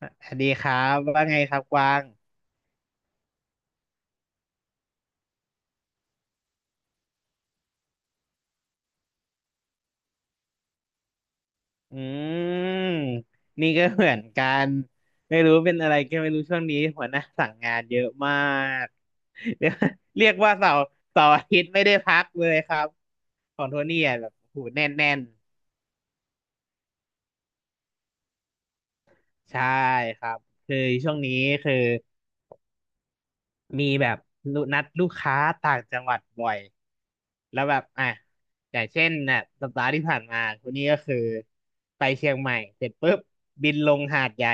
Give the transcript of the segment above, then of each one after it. อ่ะสวัสดีครับว่าไงครับกวางอืมนี่ก็เหมือนกันไม่รู้เป็นอะไรก็ไม่รู้ช่วงนี้หัวหน้าสั่งงานเยอะมาก เรียกเรียกว่าเสาร์อาทิตย์ไม่ได้พักเลยครับของโทนี่อ่ะแบบโอ้โหูแน่นใช่ครับคือช่วงนี้คือ มีแบบนัดลูกค้าต่างจังหวัดบ่อยแล้วแบบอ่ะอย่างเช่นน่ะสัปดาห์ที่ผ่านมาคนนี้ก็คือไปเชียงใหม่เสร็จปุ๊บบินลงหาดใหญ่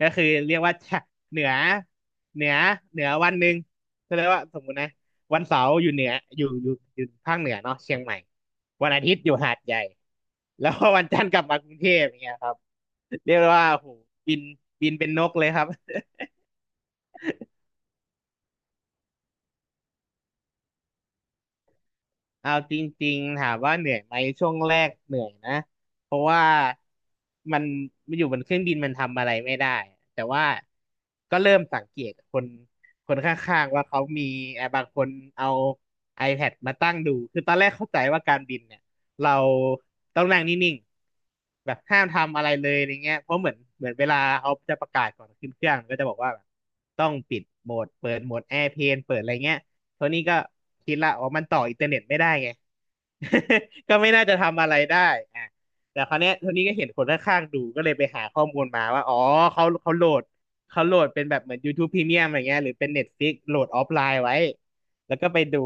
ก็คือเรียกว่าจะเหนือเหนือเหนือวันหนึ่งก็เรียกว่าสมมุตินะวันเสาร์อยู่เหนืออยู่ภาคเหนือเนาะเชียงใหม่วันอาทิตย์อยู่หาดใหญ่แล้วพอวันจันทร์กลับมากรุงเทพอย่างเงี้ยครับเรียกได้ว่าโหบินเป็นนกเลยครับ เอาจริงๆถามว่าเหนื่อยไหมช่วงแรกเหนื่อยนะเพราะว่ามันมันอยู่บนเครื่องบินมันทำอะไรไม่ได้แต่ว่าก็เริ่มสังเกตคนข้างๆว่าเขามีบางคนเอา iPad มาตั้งดูคือตอนแรกเข้าใจว่าการบินเนี่ยเราต้องนั่งนิ่งๆแบบห้ามทำอะไรเลยอะไรเงี้ยเพราะเหมือนเวลาเขาจะประกาศก่อนขึ้นเครื่องก็จะบอกว่าแบบต้องปิดโหมดเปิดโหมดแอร์เพลนเปิดอะไรเงี้ย โทนี่ก็คิดละอ๋อมันต่ออินเทอร์เน็ตไม่ได้ไง ก็ไม่น่าจะทำอะไรได้อ่ะแต่คราวเนี้ยโทนี่ก็เห็นคนข้างๆดูก็เลยไปหาข้อมูลมาว่า อ๋อเขาโหลดเขาโหลดเป็นแบบเหมือน YouTube Premium อะไรเงี้ยหรือเป็น Netflix โหลดออฟไลน์ไว้ แล้วก็ไปดู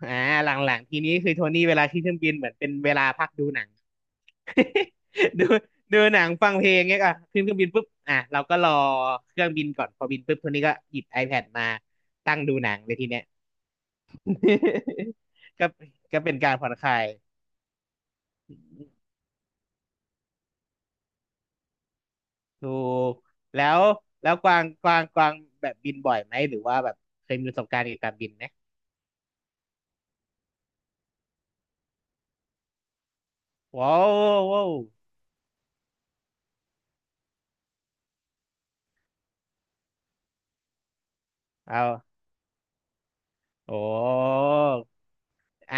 อ่าหลังๆทีนี้คือโทนี่เวลาที่เครื่องบินเหมือนเป็นเวลาพักดูหนัง ดูหนังฟังเพลงเงี้ยอ่ะขึ้นเครื่องบินปุ๊บอ่ะเราก็รอเครื่องบินก่อนพอบินปุ๊บโทนี่ก็หยิบ iPad มาตั้งดูหนังเลยทีเนี้ย ก็ก็เป็นการผ่อนคลายถูกแล้วแล้วกวางกวางแบบบินบ่อยไหมหรือว่าแบบเคยมีประสบการณ์เกี่ยวกับการบินไหมว้าวว้าวเอาโอ้อ่า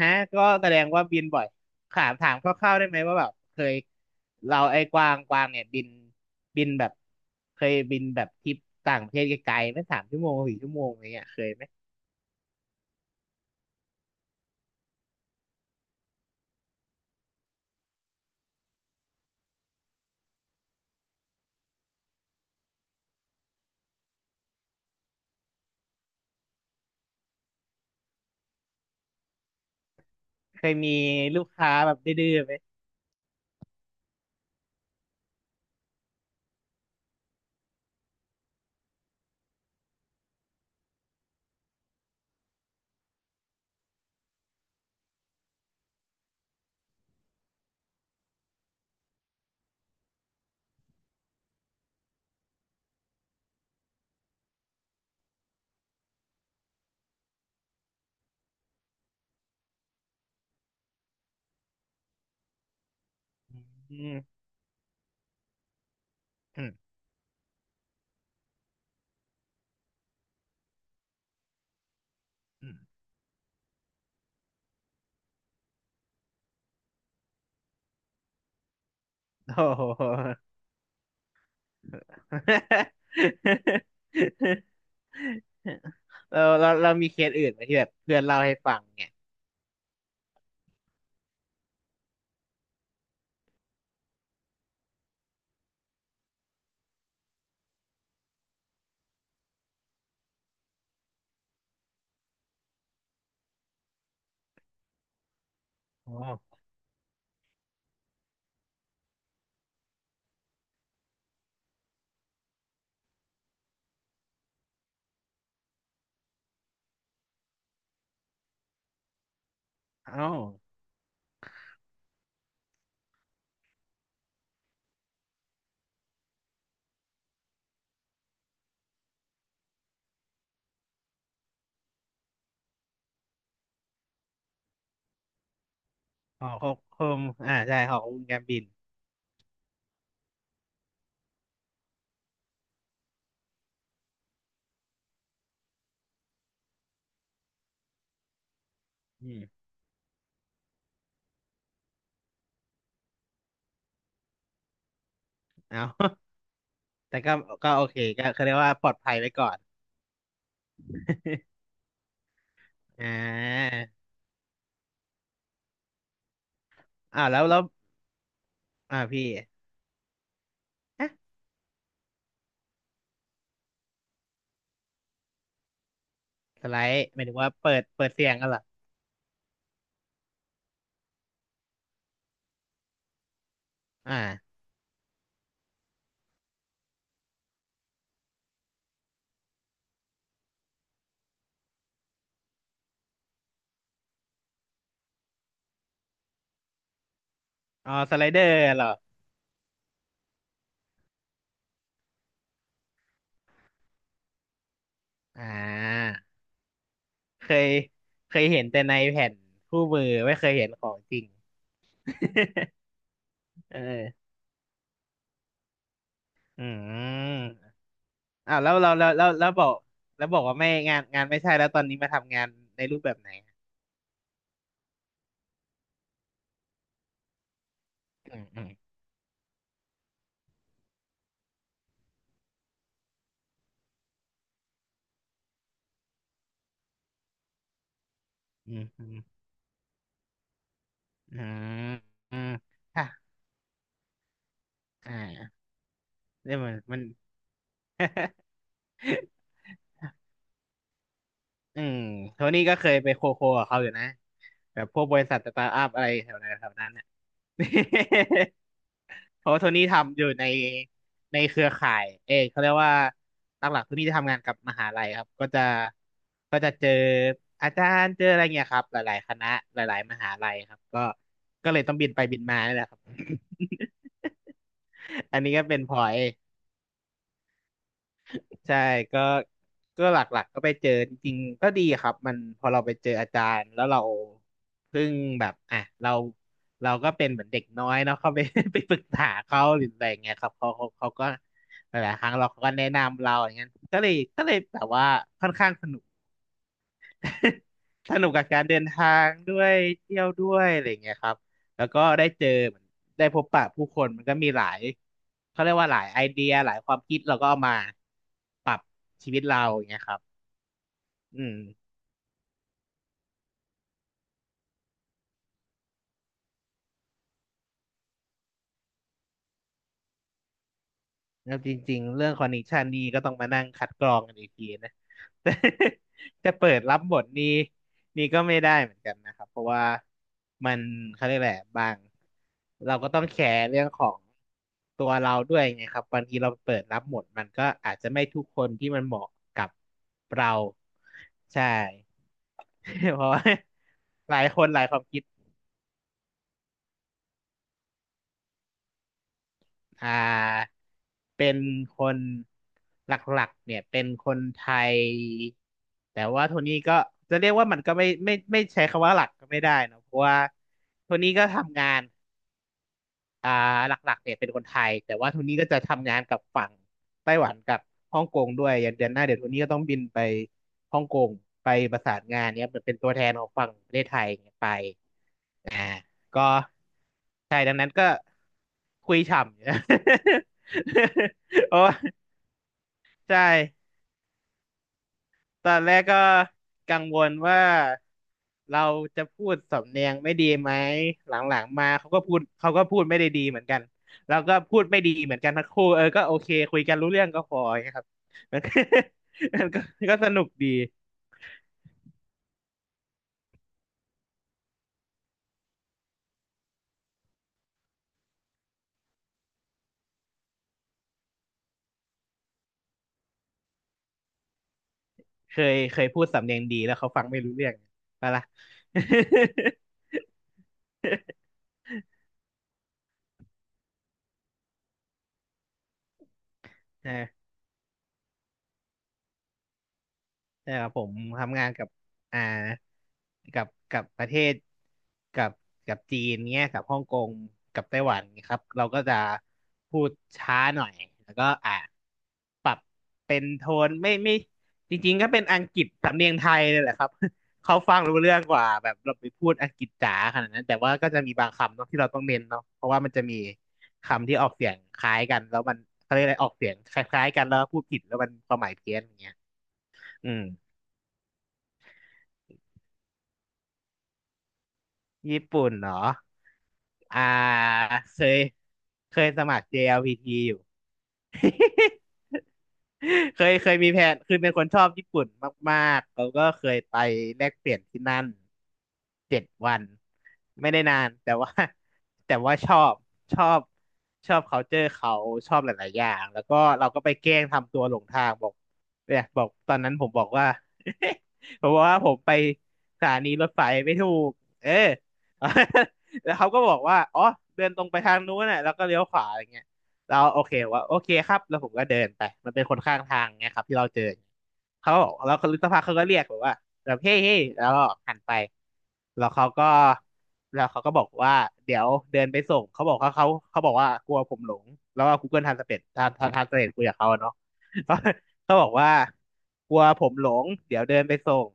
ฮะก็แสดงว่าบินบ่อยถามคร่าวๆได้ไหมว่าแบบเคยเราไอ้กวางเนี่ยบินแบบเคยบินแบบทริปต่างประเทศไกลๆไหม่สามชั่วโมงสี่ชั่วโมงอะไรเงี้ยเคยไหมเคยมีลูกค้าแบบดื้อๆไหมอืมอืมอืม โอ้โห เรามีเคสอื่นไหมที่แบบเพื่อนเล่าให้ฟังเนี่ยอ๋อเอ้าหอคกคมอ่าใช่หอคกคุมการบินอืมเอา แต่ก็โอเคก็เขาเรียกว่าปลอดภัยไว้ก่อน อ่าอ่าแล้วแล้วอ่าพี่ฮะสไลด์หมายถึงว่าเปิดเสียงกันเหรออ่าอ๋อสไลเดอร์เหรอ อ่าเคย เห็นแต่ในแผ่นคู่มือไม่เคยเห็นของจริง เอออืมอ้าวแล้วเราแล้วแล้วบอกว่าไม่งานไม่ใช่แล้วตอนนี้มาทำงานในรูปแบบไหนอืม อืม อืม อืมอืมอืมค่ะอ่าเนี่ยมัน อืมโทนี่ก็เคยไปโคโคกับเขาอยู่นะแบบพวกบริษัทสตาร์ทอัพอะไรแถวนั้นน่ะ เพราะว่าโทนี่ทำอยู่ในเครือข่ายเออเขาเรียกว่าหลักๆโทนี่จะทำงานกับมหาลัยครับก็จะก็จะเจออาจารย์เจออะไรเงี้ยครับหลายๆคณะหลายๆมหาลัยครับก็เลยต้องบินไปบินมานี่แหละครับ อันนี้ก็เป็นพลอย ใช่ก็ก็หลักๆก็ไปเจอจริงๆก็ดีครับมันพอเราไปเจออาจารย์แล้วเราเพิ่งแบบอ่ะเราเราก็เป็นเหมือนเด็กน้อยเนาะเข้าไป ไปปรึกษาเขาหรืออะไรอย่างเงี้ยครับเขาก็หลายๆครั้งเราเขาก็แนะนำเราอย่างเงี้ยก็เลยแบบว่าค่อนข้างสนุก สนุกกับการเดินทางด้วยเที่ยวด้วยอะไรอย่างเงี้ยครับ แล้วก็ได้เจอเหมือนได้พบปะผู้คนมันก็มีหลายเขาเรียกว่าหลายไอเดียหลายความคิดเราก็เอามาปรับชีวิตเราอย่างเงี้ยครับอืม แล้วจริงๆเรื่องคอนเนคชันนี่ก็ต้องมานั่งคัดกรองกันอีกทีนะ แต่จะเปิดรับบทนี่นี่ก็ไม่ได้เหมือนกันนะครับเพราะว่ามันเขาเรียกแหละไรบางเราก็ต้องแคร์เรื่องของตัวเราด้วยไงครับบางทีเราเปิดรับบทมันก็อาจจะไม่ทุกคนที่มันเหมาะกับเราใช่ เพราะว่า หลายคนหลายความคิด อ่าเป็นคนหลักๆเนี่ยเป็นคนไทยแต่ว่าโทนี่ก็จะเรียกว่ามันก็ไม่ไม่ใช้คำว่าหลักก็ไม่ได้เนอะเพราะว่าโทนี่ก็ทำงานอ่าหลักๆเนี่ยเป็นคนไทยแต่ว่าโทนี่ก็จะทำงานกับฝั่งไต้หวันกับฮ่องกงด้วยอย่างเดือนหน้าเดี๋ยวโทนี่ก็ต้องบินไปฮ่องกงไปประสานงานเนี่ยเหมือนเป็นตัวแทนของฝั่งประเทศไทยเนี่ยไป ก็ใช่ดังนั้นก็คุยฉ่ำอยู่ โอ้ ใช่ตอนแรกก็กังวลว่าเราจะพูดสำเนียงไม่ดีไหมหลังๆมาเขาก็พูดเขาก็พูดไม่ได้ดีเหมือนกันแล้วก็พูดไม่ดีเหมือนกันทั้งคู่เออก็โอเคคุยกันรู้เรื่องก็พออย่างเงี้ยครับ มันก็ มันก็สนุกดีเคยเคยพูดสำเนียงดีแล้วเขาฟังไม่รู้เรื่องไปะละ เออ ใช่ครับผมทำงานกับอ่ากับประเทศกับจีนเนี้ยกับฮ่องกงกับไต้หวันครับเราก็จะพูดช้าหน่อยแล้วก็ปรับเป็นโทนไม่ไม่จริงๆก็เป็นอังกฤษสำเนียงไทยเลยแหละครับ เขาฟังรู้เรื่องกว่าแบบเราไปพูดอังกฤษจ๋าขนาดนั้นแต่ว่าก็จะมีบางคำเนาะที่เราต้องเน้นเนาะเพราะว่ามันจะมีคำที่ออกเสียงคล้ายกันแล้วมันเขาเรียกอะไรออกเสียงคล้ายๆกันแล้วพูดผิดแล้วมันความหมายเพี้ยนอย่างเงี้ยอืม ญี่ปุ่นเหรออ่าเคยเคยสมัคร JLPT อลพีทีอยู่ เคยเคยมีแผนคือเป็นคนชอบญี่ปุ่นมากๆเราก็เคยไปแลกเปลี่ยนที่นั่น7 วันไม่ได้นานแต่ว่า แต่ว่าชอบชอบชอบ culture เขาชอบหลายๆอย่างแล้วก็เราก็ไปแกล้งทำตัวหลงทางบอกเนี่ยบอกตอนนั้นผมบอกว่า ผมบอกว่าผมไปสถานีรถไฟไม่ถูกเออ แล้วเขาก็บอกว่าอ๋อเดินตรงไปทางนู้นน่ะแล้วก็เลี้ยวขวาอะไรเงี้ย เราโอเคว่าโอเคครับแล้วผมก็เดินไปมันเป็นคนข้างทางไงครับที่เราเจอเขาบอกแล้วคนสักพักเขาก็เรียกแบบว่าแบบเฮ้เฮ้แล้วก็หันไปแล้วเขาก็แล้วเขาก็บอกว่าเดี๋ยวเดินไปส่งเขาบอกเขาบอกว่ากลัวผมหลงแล้วก็ Google Translate ทานทานทานสเ็ทคุยกับเขาอะเนาะ เขาบอกว่ากลัวผมหลงเดี๋ยวเดินไปส่ง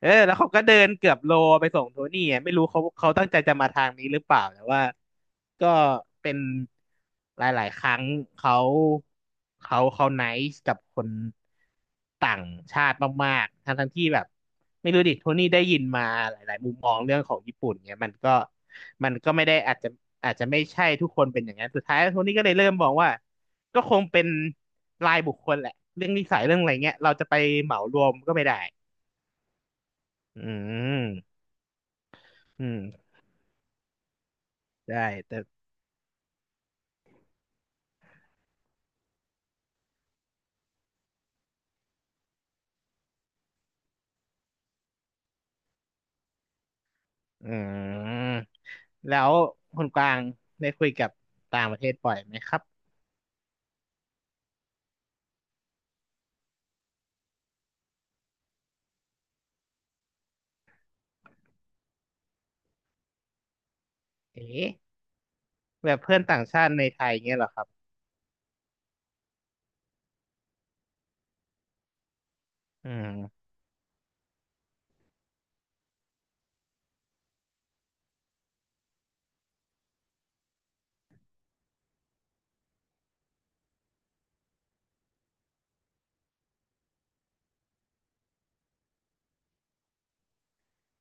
เออแล้วเขาก็เดินเกือบโลไปส่งโทนี่อะไม่รู้เขาตั้งใจจะมาทางนี้หรือเปล่าแต่ว่าก็เป็นหลายๆครั้งเขาเขาไนซ์กับคนต่างชาติมากๆทั้งที่แบบไม่รู้ดิโทนี่ได้ยินมาหลายๆมุมมองเรื่องของญี่ปุ่นเนี่ยมันก็มันก็ไม่ได้อาจจะอาจจะไม่ใช่ทุกคนเป็นอย่างนั้นสุดท้ายโทนี่ก็เลยเริ่มมองว่าก็คงเป็นรายบุคคลแหละเรื่องนิสัยเรื่องอะไรเงี้ยเราจะไปเหมารวมก็ไม่ได้อืม อืมได้แต่อืมแล้วคุณกวางได้คุยกับต่างประเทศบ่อยไหมครับเอ๊ะแบบเพื่อนต่างชาติในไทยเงี้ยเหรอครับอืม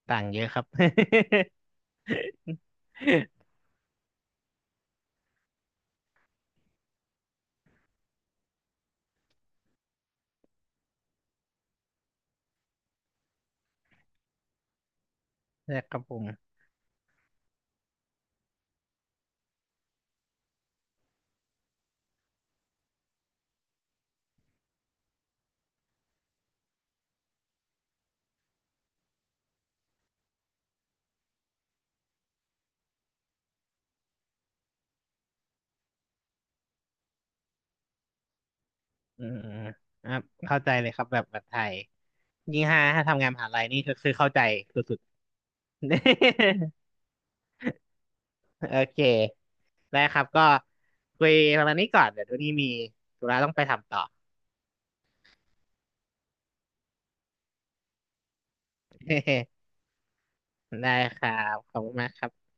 ต่างเยอะครับ ใช่ครับผมอืมครับเข้าใจเลยครับแบบแบบไทยยิ่งถ้าถ้าทำงานมหาลัยนี่ก็คือเข้าใจสุดๆ โอเคได้ครับก็คุยประมาณนี้ก่อนเดี๋ยวตัวนี้มีธุระต้องไปทำต่อ ได้ครับขอบคุณมากครับ